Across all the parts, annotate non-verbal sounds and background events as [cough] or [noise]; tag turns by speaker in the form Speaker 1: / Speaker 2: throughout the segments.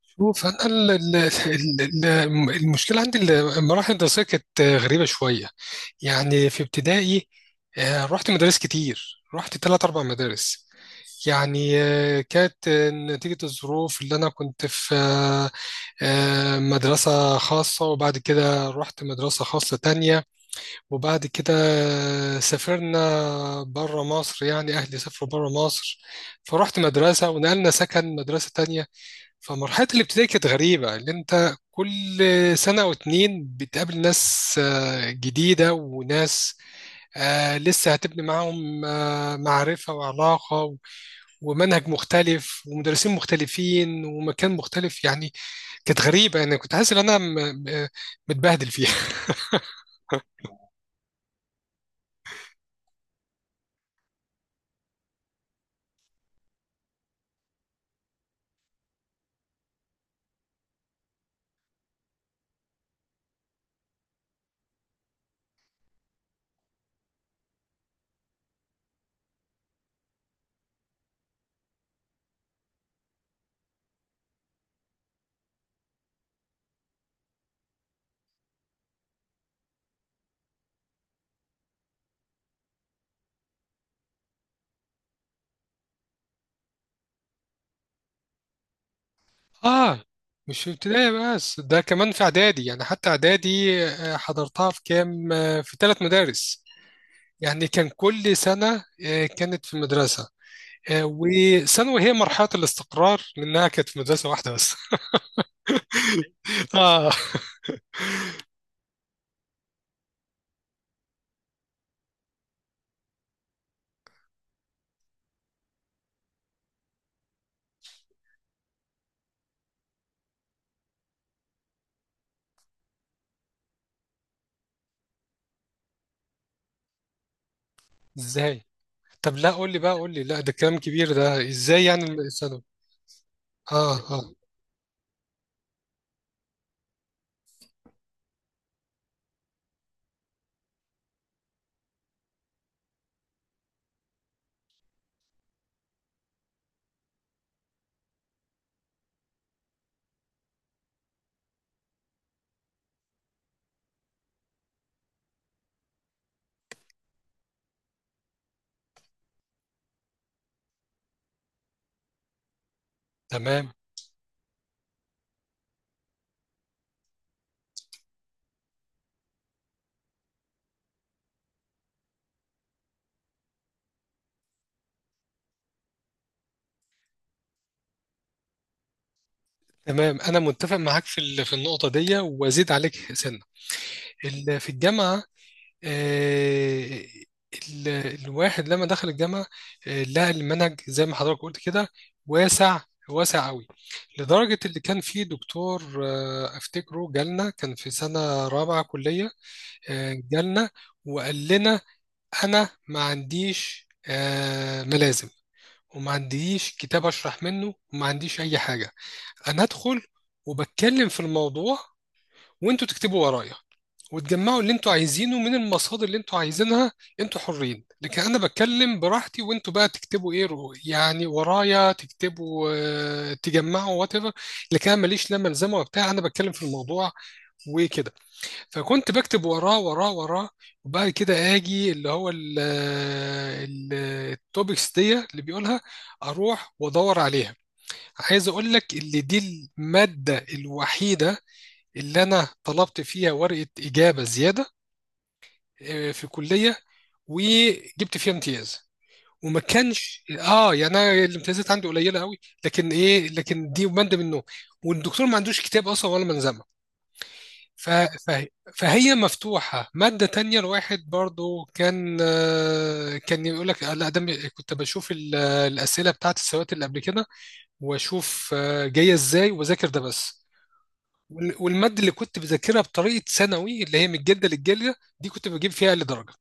Speaker 1: شوف، انا المشكله عندي المراحل الدراسيه كانت غريبه شويه. يعني في ابتدائي، رحت مدارس كتير. رحت ثلاث اربع مدارس يعني. كانت نتيجه الظروف اللي انا كنت في، مدرسه خاصه، وبعد كده رحت مدرسه خاصه تانية. وبعد كده سافرنا بره مصر. يعني اهلي سافروا بره مصر، فرحت مدرسه، ونقلنا سكن مدرسه تانية. فمرحلة الابتدائي كانت غريبة، اللي انت كل سنة أو اتنين بتقابل ناس جديدة، وناس لسه هتبني معاهم معرفة وعلاقة، ومنهج مختلف ومدرسين مختلفين ومكان مختلف يعني. كانت غريبة. أنا كنت حاسس إن أنا متبهدل فيها. [laughs] آه. مش في ابتدائي بس، ده كمان في إعدادي. يعني حتى إعدادي حضرتها في كام، في ثلاث مدارس. يعني كان كل سنة كانت في مدرسة. وثانوي هي مرحلة الاستقرار، لأنها كانت في مدرسة واحدة بس. [laughs] آه. إزاي؟ طب لا، قول لي بقى. قول لي، لا ده كلام كبير ده. إزاي يعني الثانوي؟ آه، آه. تمام. تمام، أنا متفق معاك في في النقطة دي، وأزيد عليك سنة. في الجامعة. آه. الواحد لما دخل الجامعة، آه، لقى المنهج زي ما حضرتك قلت كده واسع. واسع قوي. لدرجة اللي كان فيه دكتور آه، أفتكره جالنا كان في سنة رابعة كلية. جالنا وقال لنا: انا ما عنديش ملازم، وما عنديش كتاب اشرح منه، وما عنديش اي حاجه. انا ادخل وبتكلم في الموضوع، وانتوا تكتبوا ورايا، وتجمعوا اللي انتوا عايزينه من المصادر اللي انتوا عايزينها. انتوا حرين. لكن انا بتكلم براحتي، وانتوا بقى تكتبوا ايه، يعني ورايا تكتبوا. تجمعوا وات ايفر. لكن انا ماليش لا ملزمه وبتاع. انا بتكلم في الموضوع وكده. فكنت بكتب وراه وراه وراه. وبعد كده اجي اللي هو ال- التوبكس دي اللي بيقولها، اروح وادور عليها. عايز اقول لك اللي دي الماده الوحيده اللي انا طلبت فيها ورقه اجابه زياده في كليه، وجبت فيها امتياز. وما كانش اه، يعني انا الامتيازات عندي قليله قوي. لكن ايه، لكن دي ماده منه. والدكتور ما عندوش كتاب اصلا ولا منظمه. ف... ف... فهي مفتوحة. مادة تانية الواحد برضو كان كان يقول لك لا ده كنت بشوف الأسئلة بتاعت السوات اللي قبل كده، وأشوف جاية إزاي وأذاكر ده بس. والمادة اللي كنت بذاكرها بطريقة ثانوي، اللي هي من الجلدة للجلدة، دي كنت بجيب فيها أقل درجة.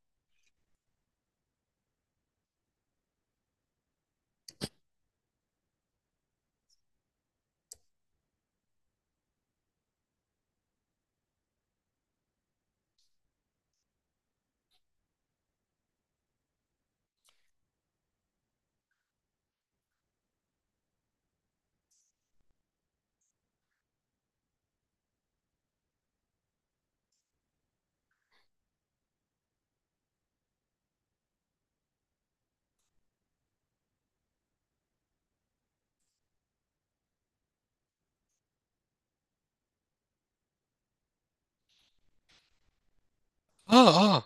Speaker 1: آه، آه.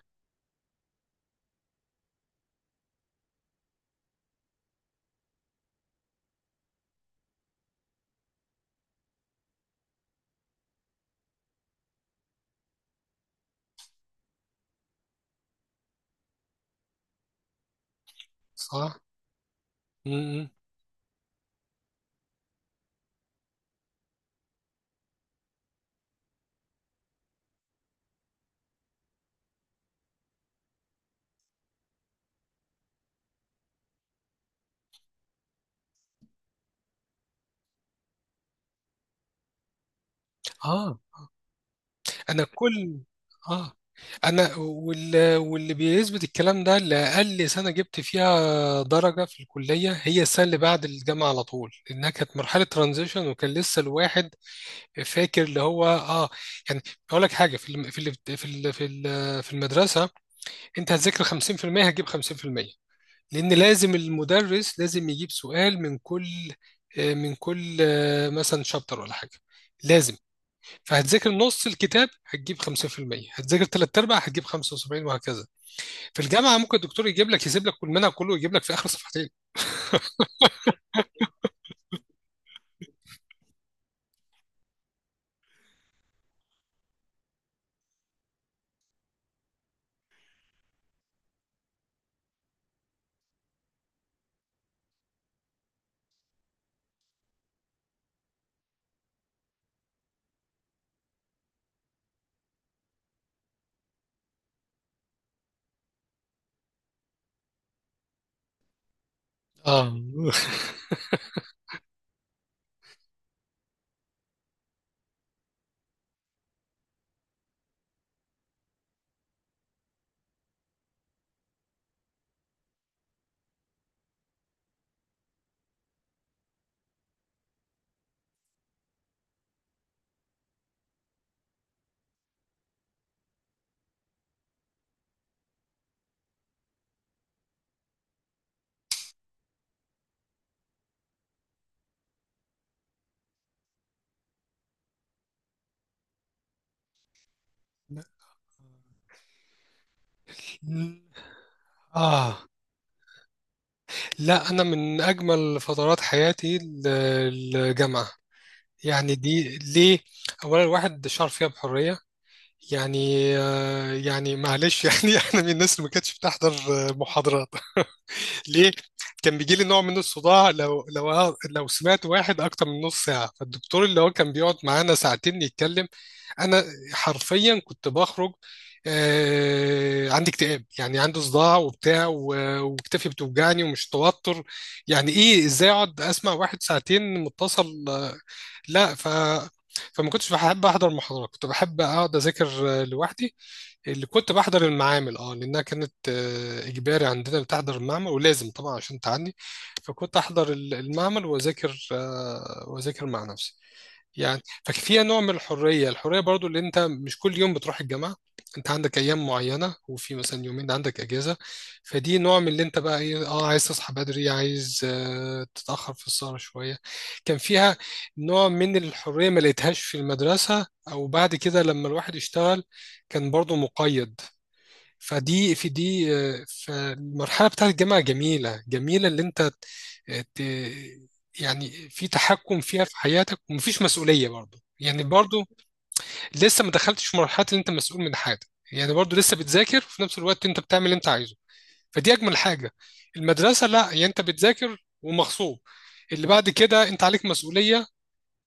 Speaker 1: صح. م- م. آه. انا كل، اه، انا واللي بيثبت الكلام ده، اللي اقل سنه جبت فيها درجه في الكليه هي السنه اللي بعد الجامعه على طول، لانها كانت مرحله ترانزيشن وكان لسه الواحد فاكر اللي هو اه. يعني اقول لك حاجه: في الم... في ال... في ال... في ال... في المدرسه انت هتذاكر 50% هتجيب 50%. لان لازم المدرس لازم يجيب سؤال من كل من كل مثلا شابتر ولا حاجه. لازم. فهتذاكر نص الكتاب هتجيب 50%. هتذاكر ثلاث ارباع هتجيب 75 وهكذا. في الجامعه ممكن الدكتور يجيب لك، يسيب لك كل المنهج كله ويجيب لك في اخر صفحتين. اه. [laughs] آه. لا، أنا من أجمل فترات حياتي الجامعة. يعني دي ليه؟ أولا الواحد شعر فيها بحرية. يعني آه، يعني معلش، [laughs] يعني أنا من الناس اللي ما كانتش بتحضر محاضرات. ليه؟ كان بيجي لي نوع من الصداع، لو سمعت واحد اكتر من نص ساعه. فالدكتور اللي هو كان بيقعد معانا ساعتين يتكلم، انا حرفيا كنت بخرج. آه، عندي اكتئاب، يعني عندي صداع وبتاع، وكتفي بتوجعني ومش توتر. يعني ايه ازاي اقعد اسمع واحد ساعتين متصل لا. فما كنتش بحب احضر محاضرات. كنت بحب اقعد اذاكر لوحدي. اللي كنت بحضر المعامل، اه، لانها كانت اجباري عندنا بتحضر المعمل، ولازم طبعا عشان تعدي. فكنت احضر المعمل واذاكر واذاكر مع نفسي يعني. ففيها نوع من الحرية. الحرية برضو اللي انت مش كل يوم بتروح الجامعة. انت عندك ايام معينة، وفي مثلا يومين عندك اجازة. فدي نوع من اللي انت بقى ايه، اه، عايز تصحى بدري، عايز تتأخر في السهرة شوية. كان فيها نوع من الحرية ما لقيتهاش في المدرسة، او بعد كده لما الواحد اشتغل. كان برضو مقيد. فدي في دي. فالمرحلة بتاعت الجامعة جميلة. جميلة اللي انت آه، ت- يعني في تحكم فيها في حياتك، ومفيش مسؤولية برضو، يعني برضو لسه ما دخلتش في مرحلة ان انت مسؤول من حاجة. يعني برضو لسه بتذاكر وفي نفس الوقت انت بتعمل اللي انت عايزه. فدي اجمل حاجة. المدرسة لا، يعني انت بتذاكر ومغصوب. اللي بعد كده انت عليك مسؤولية،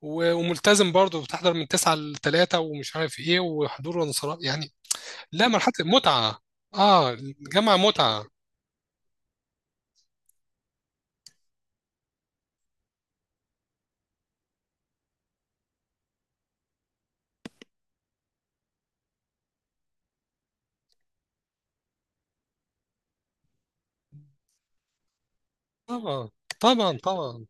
Speaker 1: وملتزم برضو بتحضر من 9 ل 3 ومش عارف ايه، وحضور وانصراف يعني. لا، مرحلة المتعة. اه، الجامعة متعة. طبعا، طبعا، طبعا.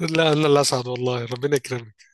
Speaker 1: لا، لا، الأسعد والله. ربنا يكرمك.